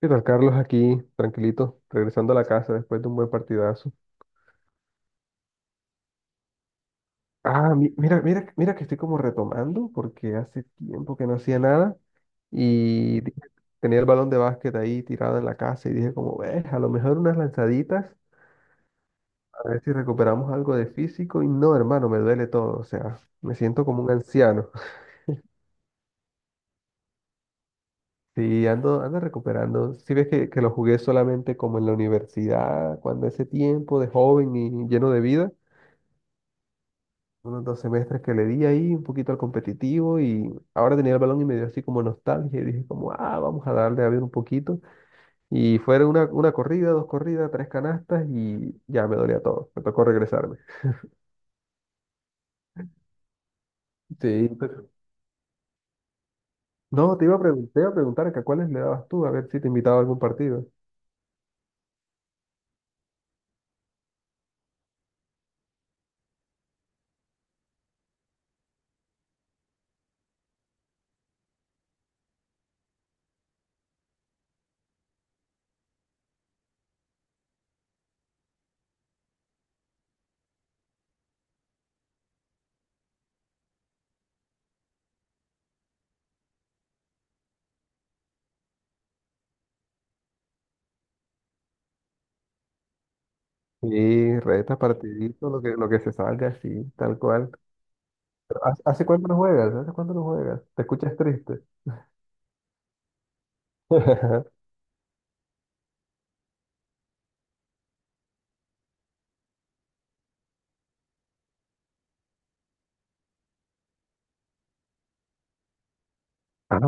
¿Qué tal, Carlos? Aquí, tranquilito, regresando a la casa después de un buen partidazo. Ah, mira, mira, mira que estoy como retomando porque hace tiempo que no hacía nada y di- tenía el balón de básquet ahí tirado en la casa y dije como, ves, a lo mejor unas lanzaditas, a ver si recuperamos algo de físico y no, hermano, me duele todo, o sea, me siento como un anciano. Sí, ando recuperando. Si ves que lo jugué solamente como en la universidad, cuando ese tiempo de joven y lleno de vida. Unos dos semestres que le di ahí un poquito al competitivo y ahora tenía el balón y me dio así como nostalgia y dije como, ah, vamos a darle a ver un poquito. Y fueron una corrida, dos corridas, tres canastas y ya me dolía todo. Me tocó regresarme. Sí. No, te iba a preguntar que a cuáles le dabas tú, a ver si te invitaba a algún partido. Sí, retas, partiditos, lo que se salga, sí, tal cual. Pero, ¿hace cuánto no juegas? ¿Hace cuánto no juegas? ¿Te escuchas triste? Ah,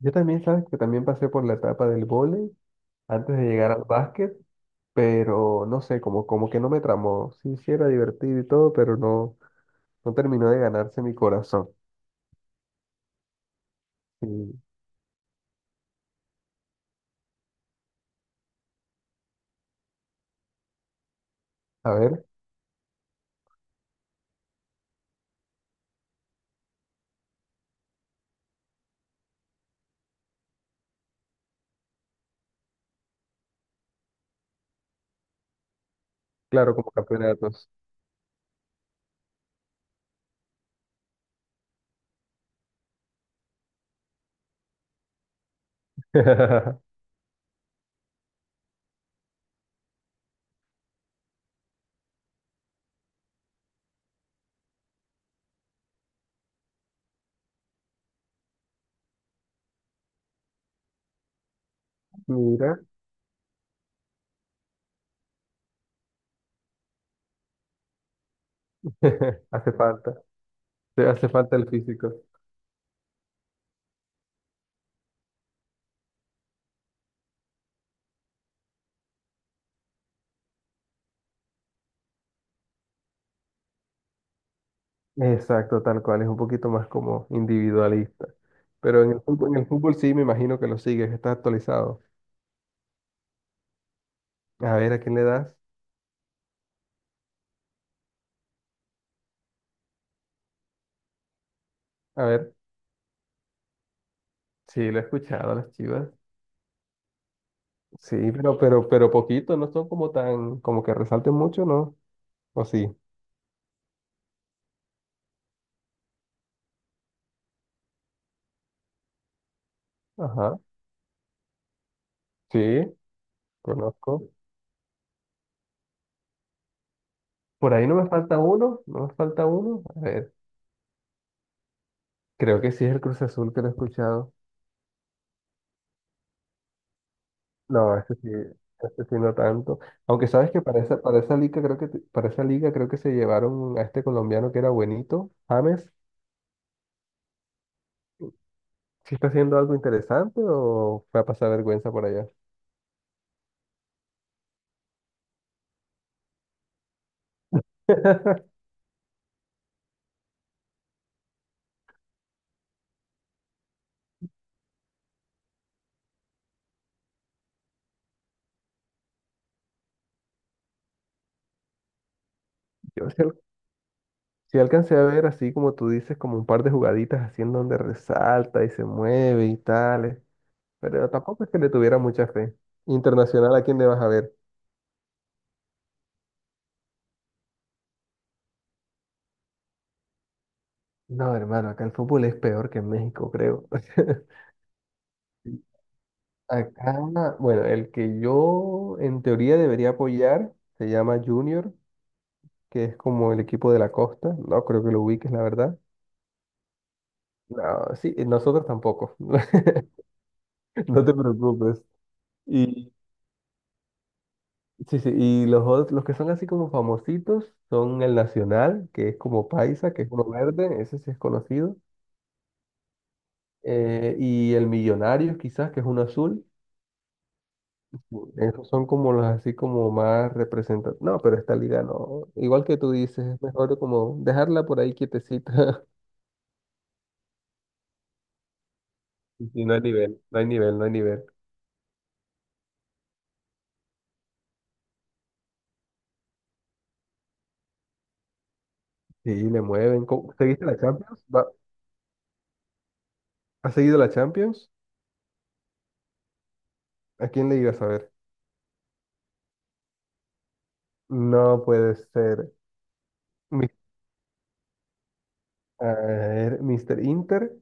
yo también, sabes que también pasé por la etapa del vóley antes de llegar al básquet, pero no sé, como que no me tramó. Sí, sí era divertido y todo, pero no, no terminó de ganarse mi corazón. Y a ver, claro, como campeonatos. Mira, hace falta, te hace falta el físico. Exacto, tal cual, es un poquito más como individualista. Pero en el fútbol sí me imagino que lo sigues, estás actualizado. A ver, ¿a quién le das? A ver, sí, lo he escuchado a las Chivas. Sí, pero poquito, no son como tan, como que resalten mucho, ¿no? ¿O sí? Ajá, sí, conozco. Por ahí no me falta uno, no me falta uno. A ver, creo que sí es el Cruz Azul que lo he escuchado. No, este sí no tanto. Aunque sabes que para esa liga creo que se llevaron a este colombiano que era buenito, James. ¿Sí está haciendo algo interesante o fue a pasar vergüenza por allá? Yo sé Sí, alcancé a ver así como tú dices, como un par de jugaditas así en donde resalta y se mueve y tales, pero tampoco es que le tuviera mucha fe. Internacional, ¿a quién le vas a ver? No, hermano, acá el fútbol es peor que en México, creo. Acá, bueno, el que yo en teoría debería apoyar se llama Junior, que es como el equipo de la costa. No creo que lo ubiques, la verdad. No, sí, nosotros tampoco. No te preocupes. y Sí, sí, y los, los que son así como famositos son el Nacional, que es como paisa, que es uno verde, ese sí es conocido, y el Millonario quizás, que es uno azul. Esos son como los así como más representativos. No, pero esta liga no. Igual que tú dices, es mejor como dejarla por ahí quietecita. Y no hay nivel, no hay nivel, no hay nivel. Sí, le mueven. ¿Seguiste la Champions? ¿Has seguido la Champions? ¿A quién le ibas a ver? No puede ser. Mi- A ver, Mr. Inter.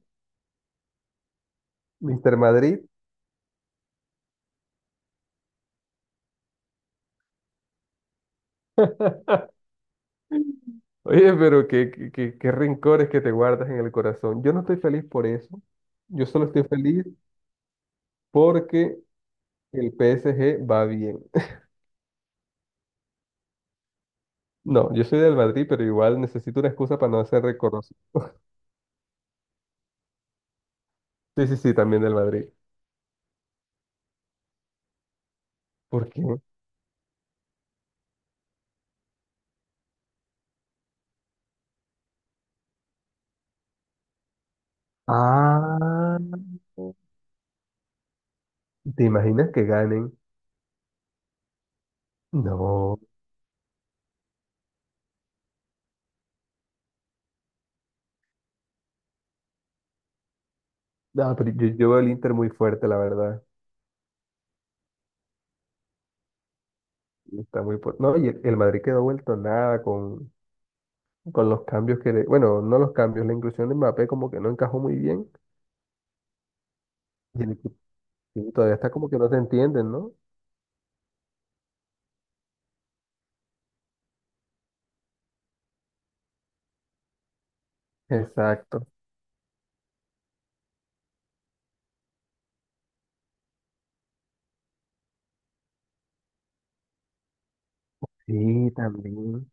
Mister Madrid. Oye, pero qué rencores que te guardas en el corazón. Yo no estoy feliz por eso. Yo solo estoy feliz porque el PSG va bien. No, yo soy del Madrid, pero igual necesito una excusa para no hacer reconocido. Sí, sí, sí, también del Madrid. ¿Por qué? Ah, ¿te imaginas que ganen? No. No, pero yo veo el Inter muy fuerte, la verdad. No, y el Madrid quedó vuelto nada con los cambios que, bueno, no los cambios, la inclusión de Mbappé como que no encajó muy bien y el equipo todavía está como que no se entienden, ¿no? Exacto. Sí, también.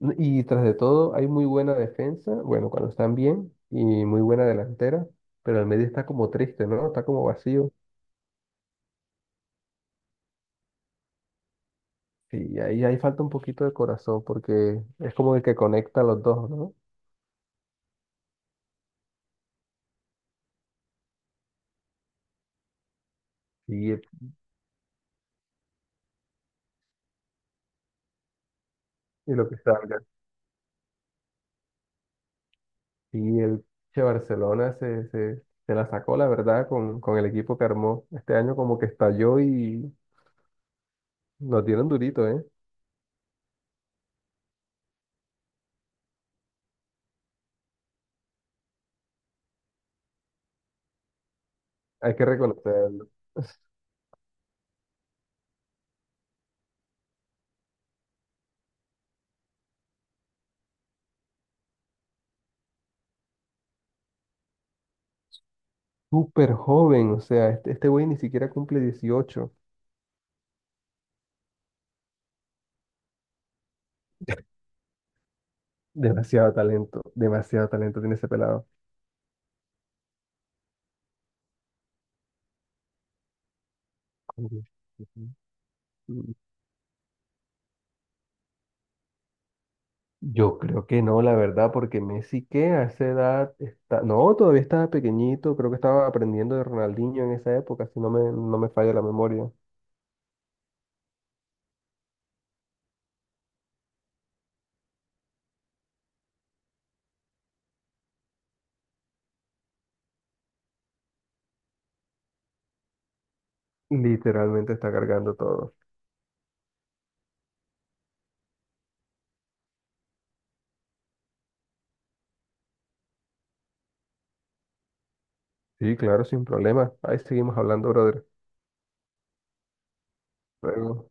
Y tras de todo, hay muy buena defensa, bueno, cuando están bien, y muy buena delantera, pero el medio está como triste, ¿no? Está como vacío. Sí, ahí falta un poquito de corazón porque es como el que conecta a los dos, ¿no? Sí, y lo que salga. Y el che, Barcelona se la sacó, la verdad, con el equipo que armó. Este año como que estalló y nos dieron durito, ¿eh? Hay que reconocerlo. Es Súper joven, o sea, este güey ni siquiera cumple 18. Demasiado talento tiene ese pelado. Ujú. Mm, Yo creo que no, la verdad, porque Messi que a esa edad está, no, todavía estaba pequeñito, creo que estaba aprendiendo de Ronaldinho en esa época, si no me falla la memoria. Literalmente está cargando todo. Sí, claro, sin problema. Ahí seguimos hablando, brother. Luego.